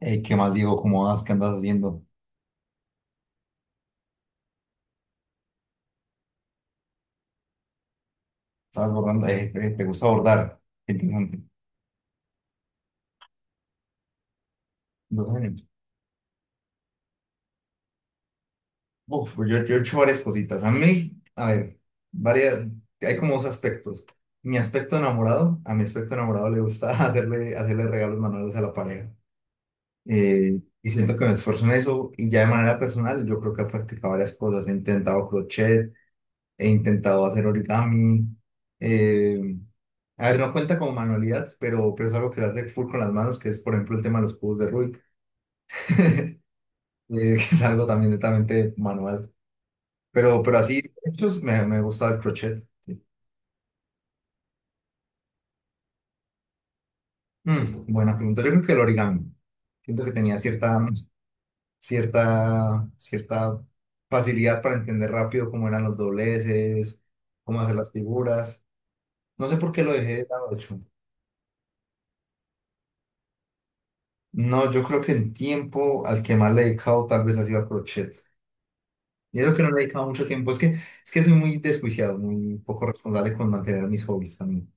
¿Qué más, Diego? ¿Cómo vas? ¿Qué andas haciendo? ¿Estabas bordando? ¿Te gusta bordar? Qué interesante. 2 años. Uf, pues yo he hecho varias cositas. A mí, a ver, varias, hay como dos aspectos. A mi aspecto enamorado le gusta hacerle regalos manuales a la pareja. Y siento que me esfuerzo en eso. Y ya de manera personal, yo creo que he practicado varias cosas. He intentado crochet, he intentado hacer origami. eh, A ver, no cuenta como manualidad, pero es algo que se hace full con las manos, que es, por ejemplo, el tema de los cubos de Rubik, eh, que es algo también netamente manual. Pero así, hechos, me gusta el crochet. Sí. Buena pregunta. Yo creo que el origami. Siento que tenía cierta facilidad para entender rápido cómo eran los dobleces, cómo hacer las figuras. No sé por qué lo dejé de lado, de hecho. No, yo creo que en tiempo al que más le he dedicado tal vez ha sido a crochet. Yo creo que no le he dedicado mucho tiempo. Es que soy muy desjuiciado, muy poco responsable con mantener mis hobbies también.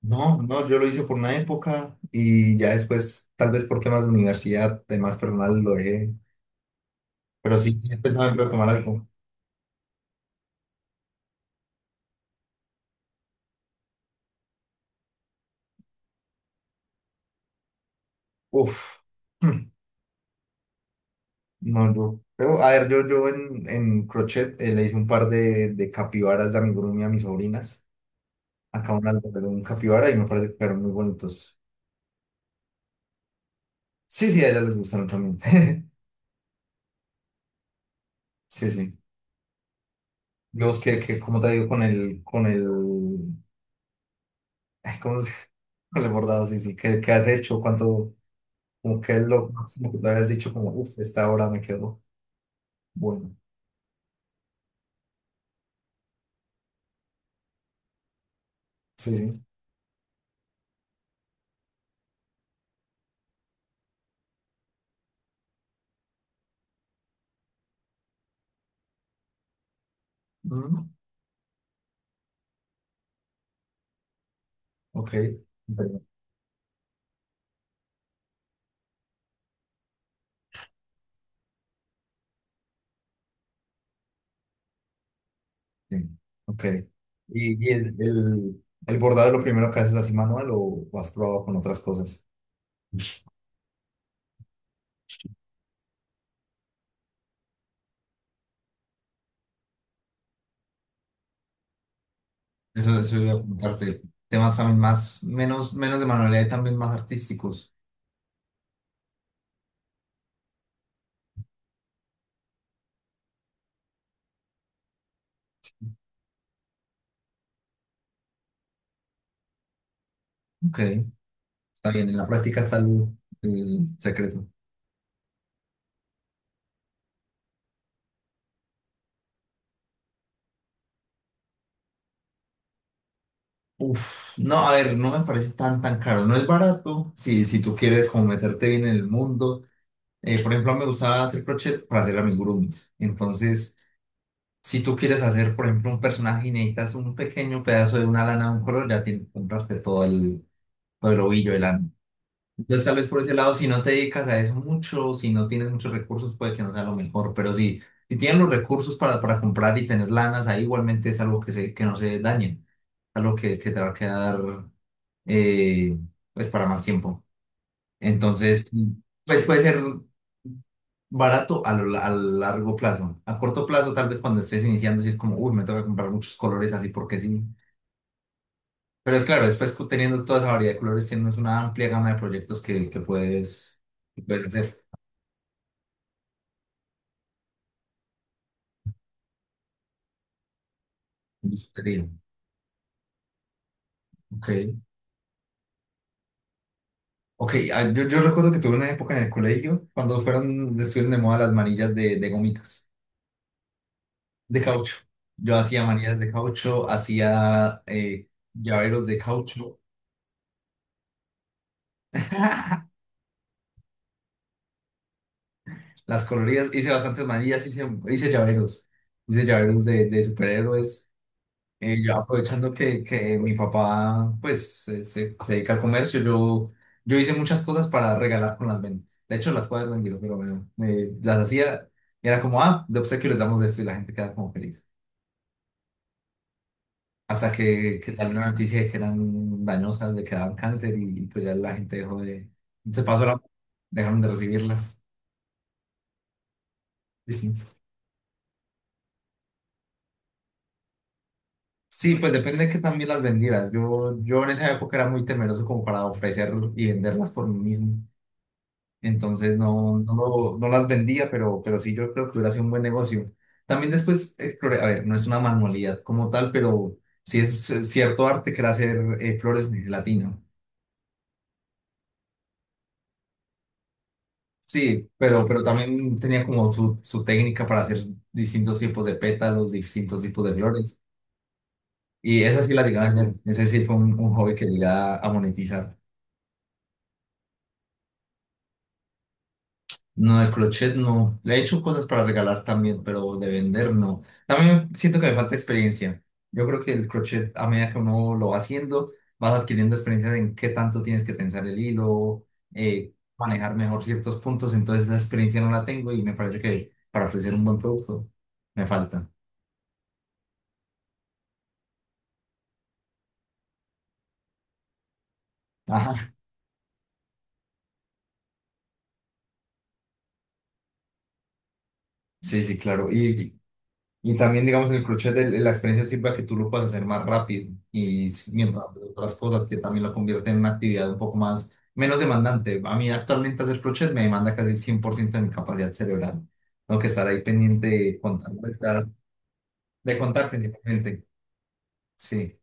No, no, yo lo hice por una época y ya después, tal vez por temas de universidad, temas personales, lo dejé. Pero sí, he pensado en retomar algo. Uf, hmm, no, yo. Pero, a ver, yo en crochet le hice un par de capibaras de amigurumi a mis sobrinas. Acá una de un capibara y me parece que fueron muy bonitos. Sí, sí, a ellas les gustaron también. Sí, sí. Yo busqué que, como te digo, con el, ay, ¿cómo se con el bordado? Sí, sí, ¿qué has hecho? ¿Como qué es lo máximo que te habías dicho? Como, uff, esta hora me quedó. Bueno, sí, sí. Mm, ok, pero, sí, ok. ¿Y el bordado es lo primero que haces así manual o has probado con otras cosas? Eso iba a preguntarte. Temas también más, menos de manualidad y también más artísticos. Ok, está bien, en la práctica está el secreto. Uf, no, a ver, no me parece tan tan caro, no es barato, si tú quieres como meterte bien en el mundo, por ejemplo, a mí me gusta hacer crochet para hacer amigurumis, entonces, si tú quieres hacer, por ejemplo, un personaje y necesitas un pequeño pedazo de una lana de un color, ya tienes que comprarte todo el ovillo de lana. Entonces, tal vez por ese lado, si no te dedicas a eso mucho, si no tienes muchos recursos, puede que no sea lo mejor, pero sí, si tienes los recursos para comprar y tener lanas, ahí igualmente es algo que, que no se dañen, algo que te va a quedar eh, pues para más tiempo. Entonces, pues puede ser barato a largo plazo. A corto plazo, tal vez cuando estés iniciando, si es como, uy, me tengo que comprar muchos colores así porque sí. Pero claro, después teniendo toda esa variedad de colores, tienes una amplia gama de proyectos que puedes hacer. Listo, te digo. Ok. Ok, ah, yo recuerdo que tuve una época en el colegio cuando estuvieron de moda las manillas de gomitas. De caucho. Yo hacía manillas de caucho, hacía llaveros de caucho, las coloridas, hice bastantes manillas, hice llaveros, hice llaveros de superhéroes. Yo aprovechando que mi papá pues se dedica al comercio, yo hice muchas cosas para regalar con las ventas. De hecho, las puedes vender, pero bueno, las hacía, y era como, ah, de obsequio les damos esto y la gente queda como feliz. Hasta que salió una noticia de que eran dañosas, de que daban cáncer y pues ya la gente dejó de. Se pasó la. Dejaron de recibirlas. Sí, sí. Sí, pues depende de que también las vendieras. Yo en esa época era muy temeroso como para ofrecer y venderlas por mí mismo. Entonces no, no, no las vendía, pero sí yo creo que hubiera sido un buen negocio. También después exploré, a ver, no es una manualidad como tal, pero sí es cierto arte que era hacer flores en gelatina. Sí, pero también tenía como su técnica para hacer distintos tipos de pétalos, distintos tipos de flores. Y esa sí la llegué a hacer. Ese sí fue un hobby que llegué a monetizar. No, el crochet no. Le he hecho cosas para regalar también, pero de vender no. También siento que me falta experiencia. Yo creo que el crochet, a medida que uno lo va haciendo, vas adquiriendo experiencia en qué tanto tienes que tensar el hilo, manejar mejor ciertos puntos. Entonces esa experiencia no la tengo y me parece que para ofrecer un buen producto me falta. Ajá, sí, sí, claro. Y también, digamos, en el crochet la experiencia sirve a que tú lo puedas hacer más rápido y mientras de otras cosas que también lo convierten en una actividad un poco más, menos demandante. A mí actualmente hacer crochet me demanda casi el 100% de mi capacidad cerebral. Tengo que estar ahí pendiente de contar, de contar principalmente. Sí,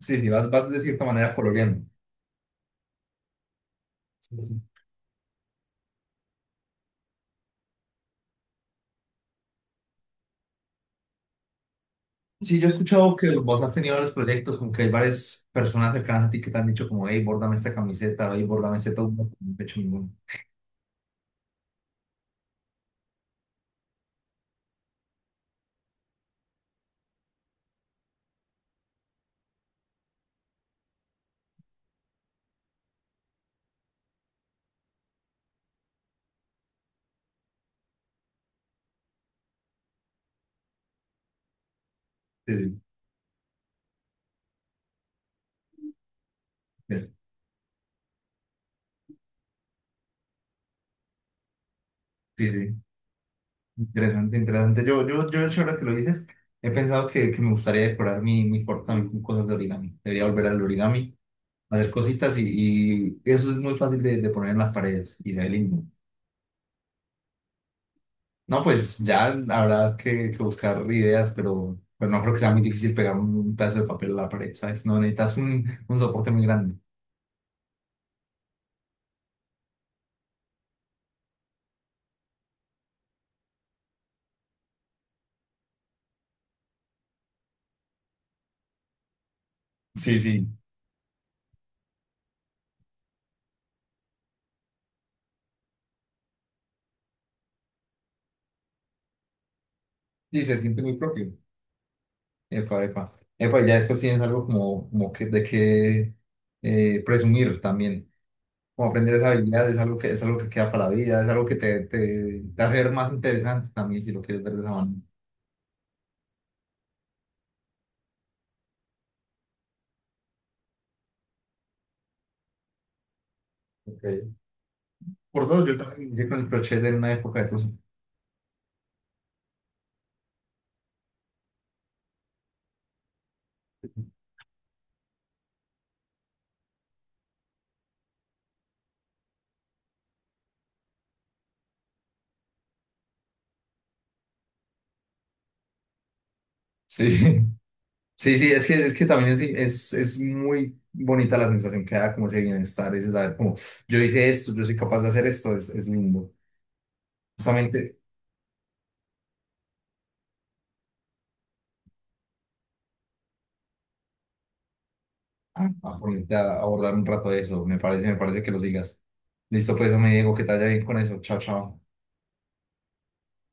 sí, sí, vas de cierta manera coloreando. Sí, sí. Sí, yo he escuchado que vos has tenido varios proyectos, como que hay varias personas cercanas a ti que te han dicho como, hey, bórdame esta camiseta, hey, bórdame este todo, no he hecho ninguno. Sí, sí, sí, interesante, interesante. Yo, de hecho, ahora que lo dices, he pensado que me gustaría decorar mi cuarto también con cosas de origami. Debería volver al origami, hacer cositas y eso es muy fácil de poner en las paredes y se ve lindo. No, pues ya habrá que buscar ideas, pero no creo que sea muy difícil pegar un pedazo de papel a la pared, ¿sabes? No necesitas un soporte muy grande. Sí, sí. Sí, se siente muy propio. Epa, epa. Epa, ya después tienes algo como, como que, de que presumir también. Como aprender esa habilidad es algo que queda para la vida, es algo que te hace ver más interesante también si lo quieres ver de esa manera. Ok. Yo también inicié con el crochet en una época de cosas. Sí, sí, sí, sí, es que también es muy bonita la sensación que da como ese bienestar, ese saber como yo hice esto, yo soy capaz de hacer esto, es lindo. Justamente a ponerte a abordar un rato eso, me parece que lo sigas. Listo, pues, me digo que te vaya bien con eso. Chao, chao.